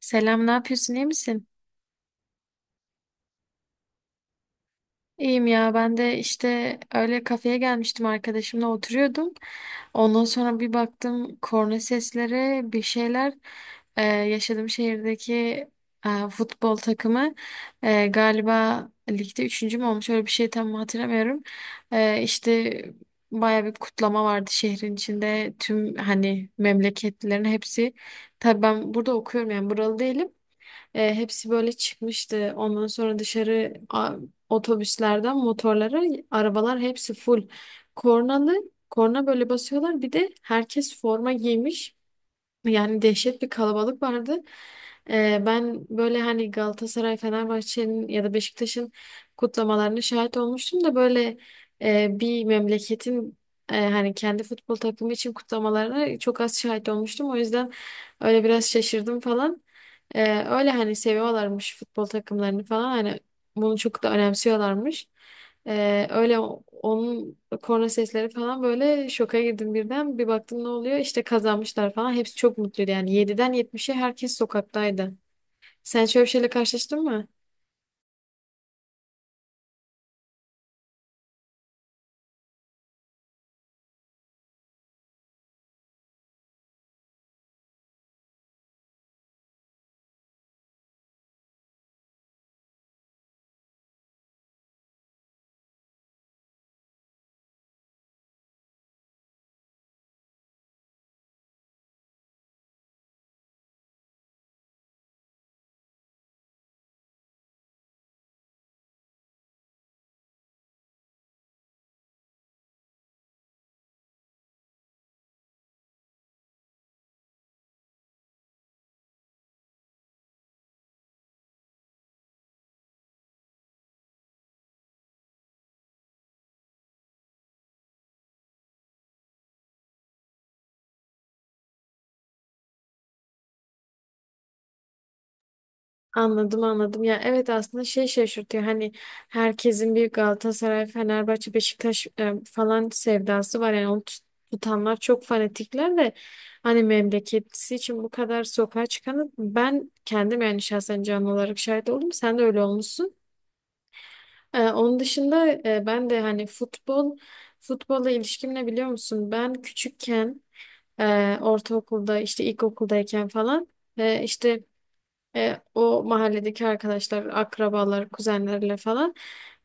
Selam, ne yapıyorsun? İyi misin? İyiyim ya ben de işte öyle kafeye gelmiştim arkadaşımla oturuyordum. Ondan sonra bir baktım korna sesleri bir şeyler. Yaşadığım şehirdeki futbol takımı galiba ligde üçüncü mü olmuş öyle bir şey tam hatırlamıyorum. İşte baya bir kutlama vardı şehrin içinde tüm hani memleketlilerin hepsi. Tabii ben burada okuyorum yani buralı değilim. Hepsi böyle çıkmıştı. Ondan sonra dışarı otobüslerden motorlara arabalar hepsi full. Kornalı korna böyle basıyorlar. Bir de herkes forma giymiş. Yani dehşet bir kalabalık vardı. Ben böyle hani Galatasaray, Fenerbahçe'nin ya da Beşiktaş'ın kutlamalarına şahit olmuştum da böyle bir memleketin hani kendi futbol takımı için kutlamalarına çok az şahit olmuştum. O yüzden öyle biraz şaşırdım falan. Öyle hani seviyorlarmış futbol takımlarını falan hani bunu çok da önemsiyorlarmış. Öyle onun korna sesleri falan böyle şoka girdim birden. Bir baktım ne oluyor? İşte kazanmışlar falan. Hepsi çok mutluydu yani. Yediden yetmişe herkes sokaktaydı. Sen şöyle bir şeyle karşılaştın mı? Anladım, anladım. Ya evet aslında şey şaşırtıyor. Hani herkesin bir Galatasaray, Fenerbahçe, Beşiktaş falan sevdası var. Yani onu tutanlar çok fanatikler de hani memleketisi için bu kadar sokağa çıkanı ben kendim yani şahsen canlı olarak şahit oldum. Sen de öyle olmuşsun. Onun dışında ben de hani futbol, futbolla ilişkim ne biliyor musun? Ben küçükken ortaokulda işte ilkokuldayken falan e, işte o mahalledeki arkadaşlar, akrabalar, kuzenlerle falan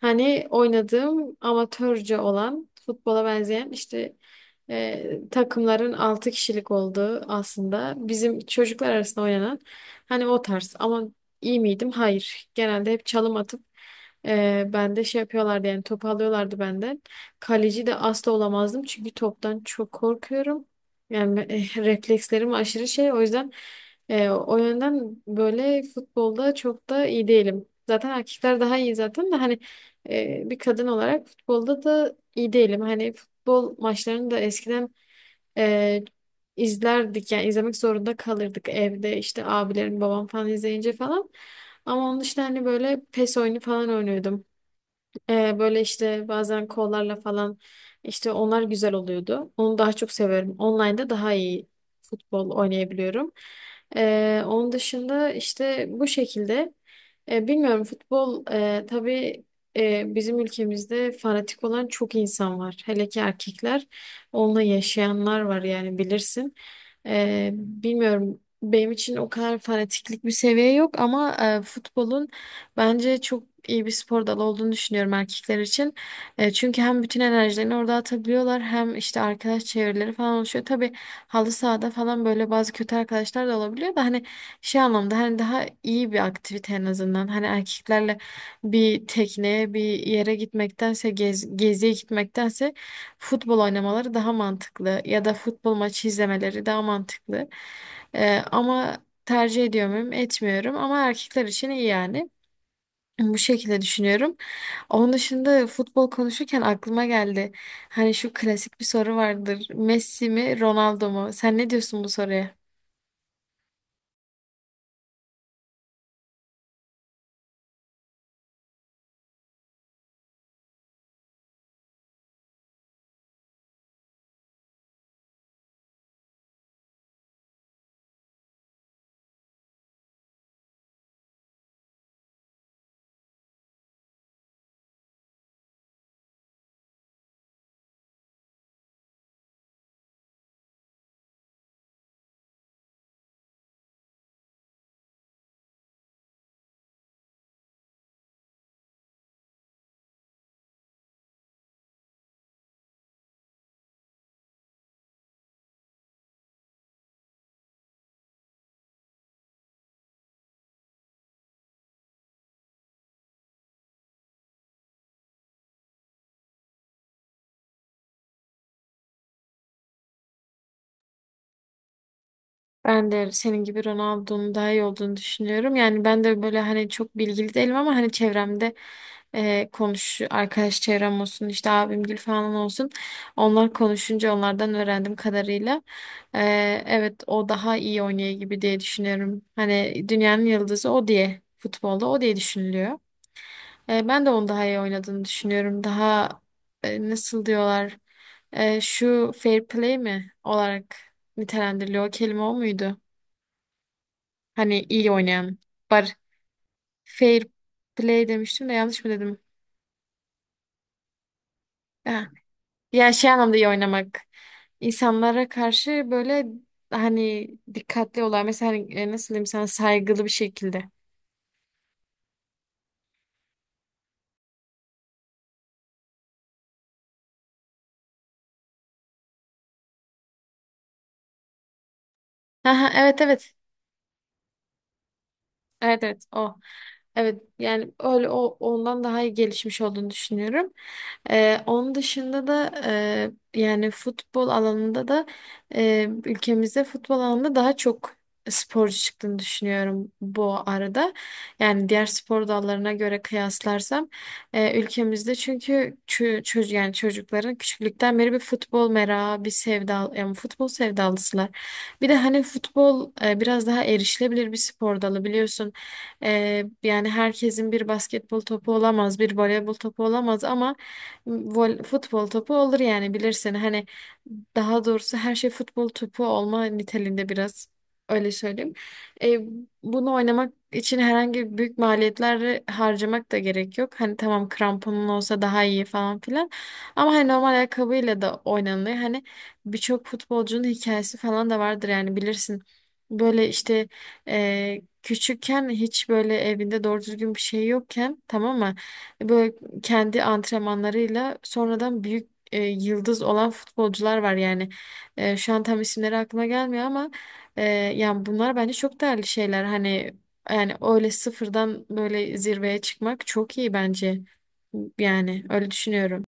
hani oynadığım amatörce olan futbola benzeyen işte takımların 6 kişilik olduğu aslında bizim çocuklar arasında oynanan hani o tarz ama iyi miydim? Hayır. Genelde hep çalım atıp ben de şey yapıyorlardı yani topu alıyorlardı benden. Kaleci de asla olamazdım çünkü toptan çok korkuyorum. Yani reflekslerim aşırı şey o yüzden o yönden böyle futbolda çok da iyi değilim. Zaten erkekler daha iyi zaten de hani bir kadın olarak futbolda da iyi değilim. Hani futbol maçlarını da eskiden e, izlerdik yani izlemek zorunda kalırdık evde işte abilerim babam falan izleyince falan. Ama onun dışında hani böyle PES oyunu falan oynuyordum. Böyle işte bazen kollarla falan işte onlar güzel oluyordu. Onu daha çok severim. Online'da daha iyi futbol oynayabiliyorum. Onun dışında işte bu şekilde. Bilmiyorum futbol tabii bizim ülkemizde fanatik olan çok insan var. Hele ki erkekler onunla yaşayanlar var yani bilirsin. Bilmiyorum benim için o kadar fanatiklik bir seviye yok ama futbolun bence çok iyi bir spor dalı olduğunu düşünüyorum erkekler için. Çünkü hem bütün enerjilerini orada atabiliyorlar hem işte arkadaş çevreleri falan oluşuyor. Tabii halı sahada falan böyle bazı kötü arkadaşlar da olabiliyor da hani şey anlamda hani daha iyi bir aktivite en azından. Hani erkeklerle bir tekneye bir yere gitmektense geziye gitmektense futbol oynamaları daha mantıklı ya da futbol maçı izlemeleri daha mantıklı. Ama tercih ediyor muyum? Etmiyorum ama erkekler için iyi yani. Bu şekilde düşünüyorum. Onun dışında futbol konuşurken aklıma geldi. Hani şu klasik bir soru vardır. Messi mi, Ronaldo mu? Sen ne diyorsun bu soruya? Ben de senin gibi Ronaldo'nun daha iyi olduğunu düşünüyorum. Yani ben de böyle hani çok bilgili değilim ama hani çevremde e, konuş arkadaş çevrem olsun işte abimgil falan olsun. Onlar konuşunca onlardan öğrendim kadarıyla. E, evet o daha iyi oynuyor gibi diye düşünüyorum. Hani dünyanın yıldızı o diye futbolda o diye düşünülüyor. Ben de onu daha iyi oynadığını düşünüyorum. Daha nasıl diyorlar? Şu fair play mi olarak nitelendiriliyor. O kelime o muydu? Hani iyi oynayan. Bar fair play demiştim de yanlış mı dedim? Ha. Ya şey anlamda iyi oynamak. İnsanlara karşı böyle hani dikkatli olan mesela hani, nasıl diyeyim sana saygılı bir şekilde. Aha, evet, evet. Evet, evet o. Evet yani öyle o ondan daha iyi gelişmiş olduğunu düşünüyorum. Onun dışında da yani futbol alanında da ülkemizde futbol alanında daha çok sporcu çıktığını düşünüyorum bu arada. Yani diğer spor dallarına göre kıyaslarsam ülkemizde çünkü çocuk yani çocukların küçüklükten beri bir futbol merakı, bir sevda yani futbol sevdalısılar. Bir de hani futbol biraz daha erişilebilir bir spor dalı biliyorsun. Yani herkesin bir basketbol topu olamaz, bir voleybol topu olamaz ama futbol topu olur yani bilirsin. Hani daha doğrusu her şey futbol topu olma niteliğinde biraz öyle söyleyeyim. Ee, bunu oynamak için herhangi büyük maliyetler harcamak da gerek yok. Hani tamam kramponun olsa daha iyi falan filan. Ama hani normal ayakkabıyla da oynanılıyor. Hani birçok futbolcunun hikayesi falan da vardır yani bilirsin. Böyle işte küçükken hiç böyle evinde doğru düzgün bir şey yokken tamam mı? Böyle kendi antrenmanlarıyla sonradan büyük yıldız olan futbolcular var yani. Şu an tam isimleri aklıma gelmiyor ama e, yani bunlar bence çok değerli şeyler. Hani yani öyle sıfırdan böyle zirveye çıkmak çok iyi bence. Yani öyle düşünüyorum.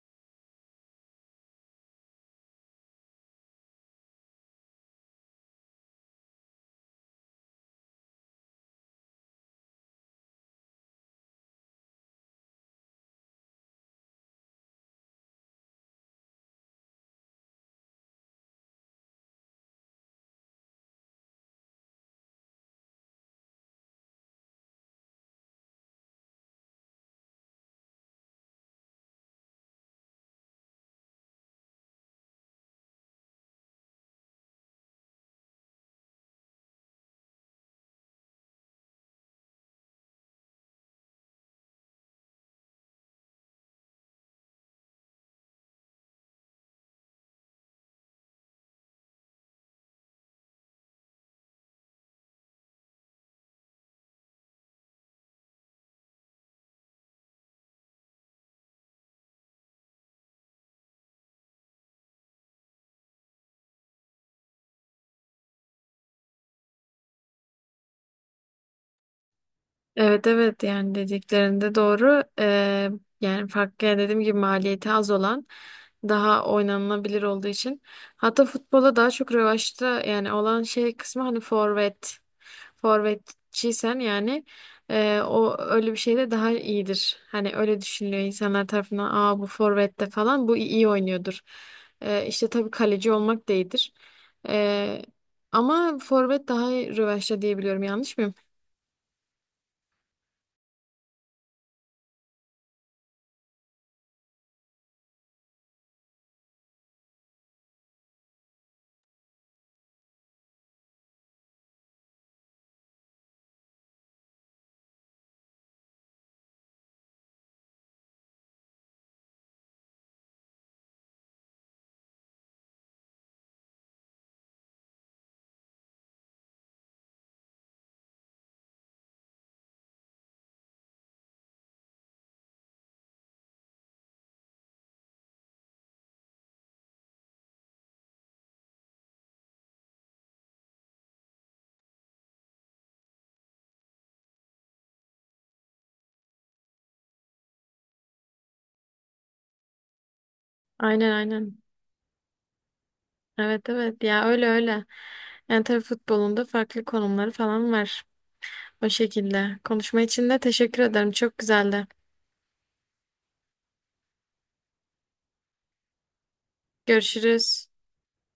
Evet, evet yani dediklerinde doğru. Yani farklı yani dediğim gibi maliyeti az olan daha oynanılabilir olduğu için. Hatta futbola daha çok revaçta yani olan şey kısmı hani forvet. Forvetçiysen yani o öyle bir şey de daha iyidir. Hani öyle düşünülüyor insanlar tarafından. Aa bu forvette falan bu iyi oynuyordur. İşte tabii kaleci olmak da iyidir. Ee, ama forvet daha rövaşta diyebiliyorum yanlış mıyım? Aynen, aynen. Evet, evet ya öyle, öyle. Yani tabii futbolunda farklı konumları falan var. O şekilde. Konuşma için de teşekkür ederim. Çok güzeldi. Görüşürüz.